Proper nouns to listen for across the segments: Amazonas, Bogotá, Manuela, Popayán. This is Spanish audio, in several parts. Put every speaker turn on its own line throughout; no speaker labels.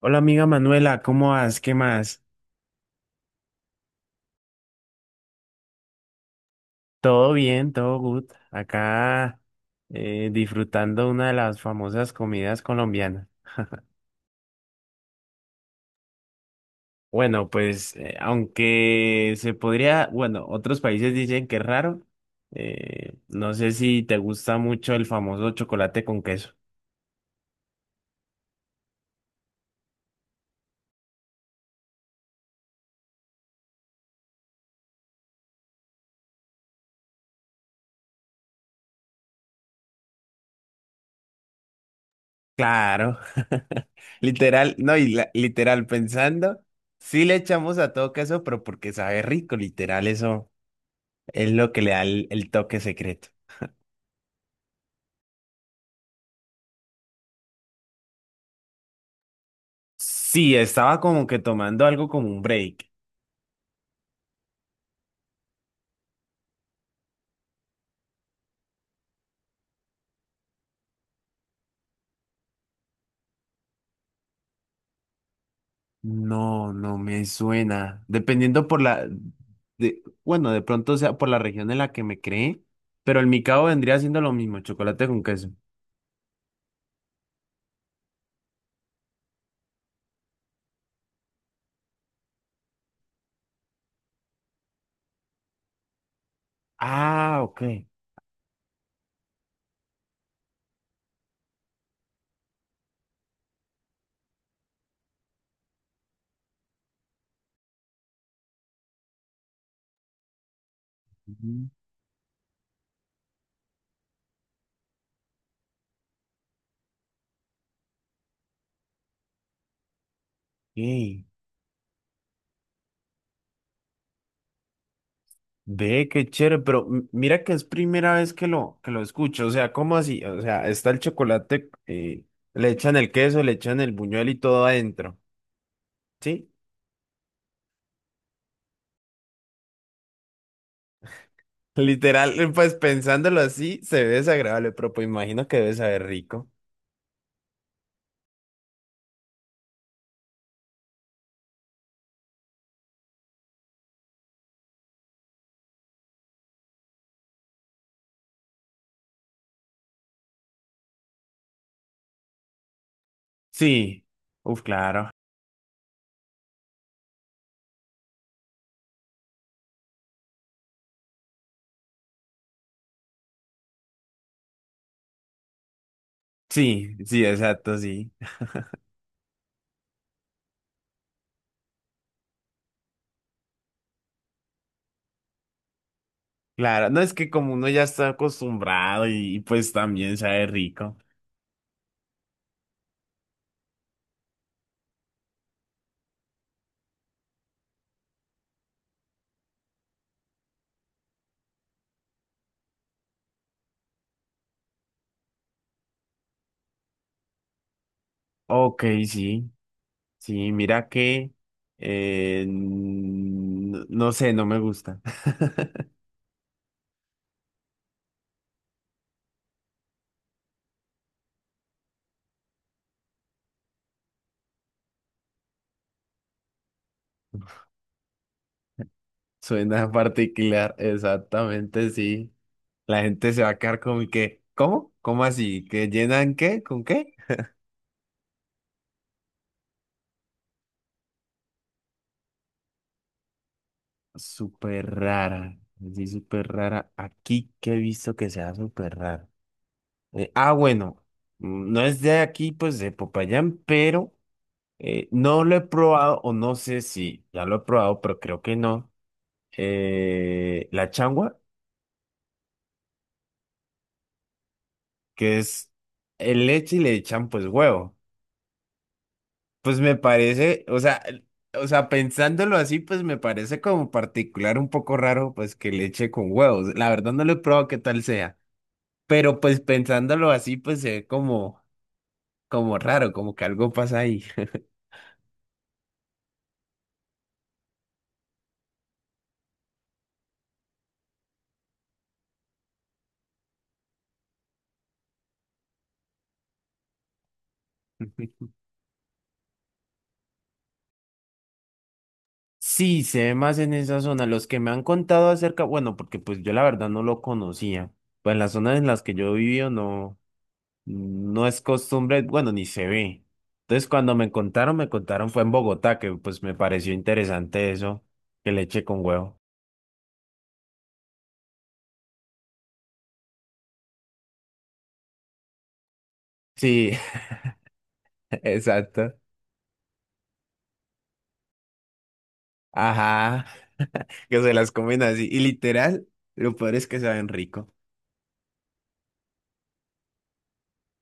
Hola amiga Manuela, ¿cómo vas? ¿Qué más? Todo bien, todo good. Acá disfrutando una de las famosas comidas colombianas. Bueno, pues aunque se podría, bueno, otros países dicen que es raro. No sé si te gusta mucho el famoso chocolate con queso. Claro, literal, no, y literal pensando, sí le echamos a todo queso, pero porque sabe rico, literal, eso es lo que le da el toque secreto. Sí, estaba como que tomando algo como un break. No, no me suena. Dependiendo por bueno, de pronto sea por la región en la que me creé, pero el micao vendría siendo lo mismo, chocolate con queso. Ah, ok. Ujú. Ok. Ve, qué chévere, pero mira que es primera vez que que lo escucho. O sea, ¿cómo así? O sea, está el chocolate, le echan el queso, le echan el buñuel y todo adentro. ¿Sí? Literal, pues pensándolo así, se ve desagradable, pero pues imagino que debe saber rico. Sí, uf, claro. Sí, sí, exacto, sí. Claro, no es que como uno ya está acostumbrado y pues también sabe rico. Ok, sí, sí, mira que, no sé, no me gusta. Suena particular, exactamente, sí. La gente se va a quedar como que, ¿cómo? ¿Cómo así? ¿Que llenan qué? ¿Con qué? Súper rara. Sí, súper rara. Aquí que he visto que sea súper rara. Bueno. No es de aquí, pues de Popayán, pero no lo he probado, o no sé si ya lo he probado, pero creo que no. La changua, que es el leche y le echan pues huevo. Pues me parece, o sea, o sea, pensándolo así, pues me parece como particular un poco raro, pues que leche con huevos. La verdad no lo he probado qué tal sea. Pero pues pensándolo así, pues se ve como, como raro, como que algo pasa ahí. Sí, se ve más en esa zona. Los que me han contado acerca, bueno, porque pues yo la verdad no lo conocía. Pues en las zonas en las que yo he vivido no, no es costumbre, bueno, ni se ve. Entonces cuando me contaron fue en Bogotá, que pues me pareció interesante eso, que leche con huevo. Sí, exacto. Ajá, que se las comen así. Y literal, lo peor es que saben rico.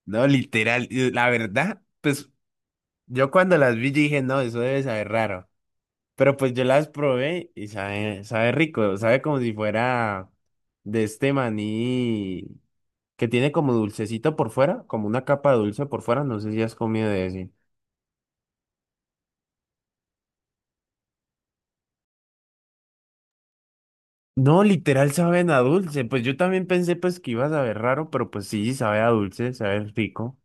No, literal, y la verdad, pues yo cuando las vi yo dije, no, eso debe saber raro. Pero pues yo las probé y sabe rico, sabe como si fuera de este maní que tiene como dulcecito por fuera, como una capa dulce por fuera, no sé si has comido de ese. No, literal saben a dulce, pues yo también pensé pues que iba a saber raro, pero pues sí, sabe a dulce, sabe rico.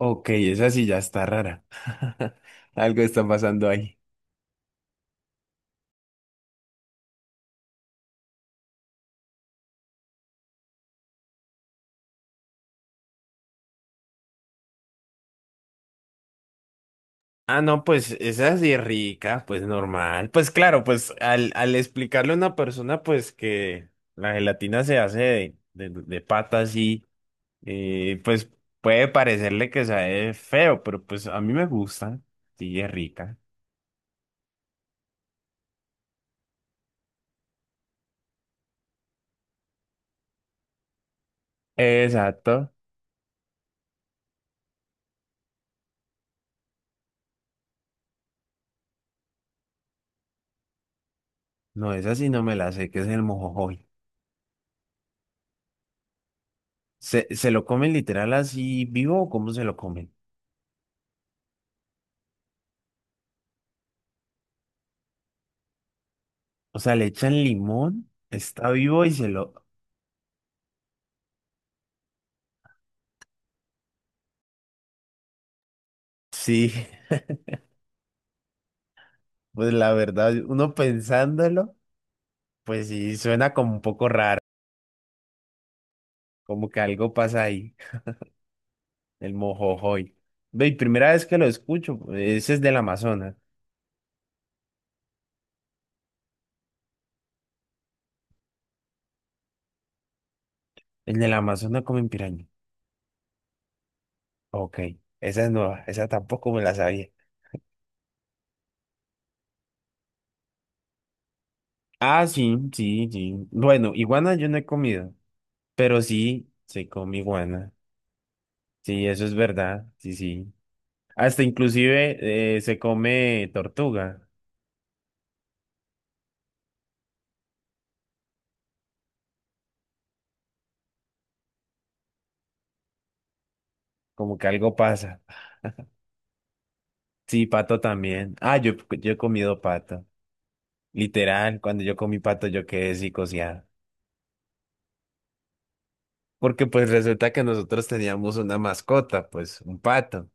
Ok, esa sí ya está rara. Algo está pasando ahí. Ah, no, pues esa sí es así rica, pues normal. Pues claro, pues al explicarle a una persona, pues que la gelatina se hace de pata así, pues puede parecerle que sabe feo, pero pues a mí me gusta, sí es rica. Exacto. No, esa sí no me la sé, que es el mojojoy. Se lo comen literal así vivo o cómo se lo comen? O sea, le echan limón, está vivo y se lo... Sí, pues la verdad, uno pensándolo. Pues sí, suena como un poco raro, como que algo pasa ahí, el mojojoy. Ve, y primera vez que lo escucho, ese es del Amazonas. El del Amazonas comen piraña. Ok, esa es nueva, esa tampoco me la sabía. Ah, sí, sí, sí. Bueno, iguana yo no he comido, pero sí se come iguana. Sí, eso es verdad, sí, sí. Hasta inclusive se come tortuga, como que algo pasa. Sí, pato también. Yo he comido pato. Literal, cuando yo comí pato yo quedé psicoseado. Porque pues resulta que nosotros teníamos una mascota, pues un pato.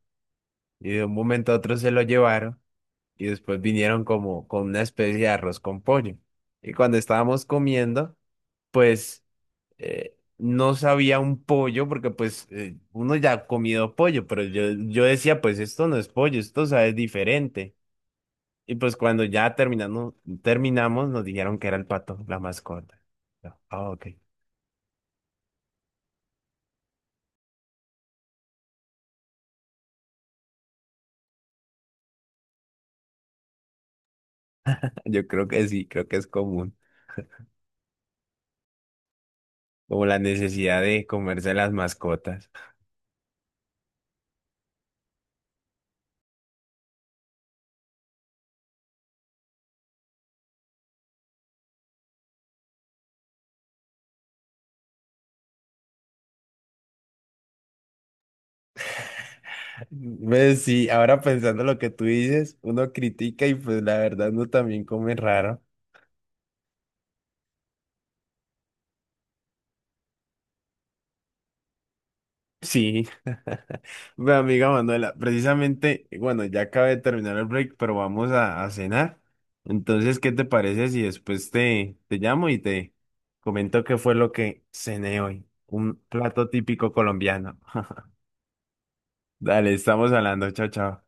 Y de un momento a otro se lo llevaron y después vinieron como con una especie de arroz con pollo. Y cuando estábamos comiendo, pues no sabía un pollo porque pues uno ya ha comido pollo, pero yo decía pues esto no es pollo, esto sabe diferente. Y pues cuando ya terminamos nos dijeron que era el pato, la mascota. Yo, ah, ok. Yo creo que sí, creo que es común, como la necesidad de comerse las mascotas. Pues sí, ahora pensando lo que tú dices, uno critica y pues la verdad uno también come raro. Sí. Bueno, amiga Manuela, precisamente, bueno, ya acabé de terminar el break, pero vamos a cenar. Entonces, ¿qué te parece si después te llamo y te comento qué fue lo que cené hoy? Un plato típico colombiano. Dale, estamos hablando. Chao, chao.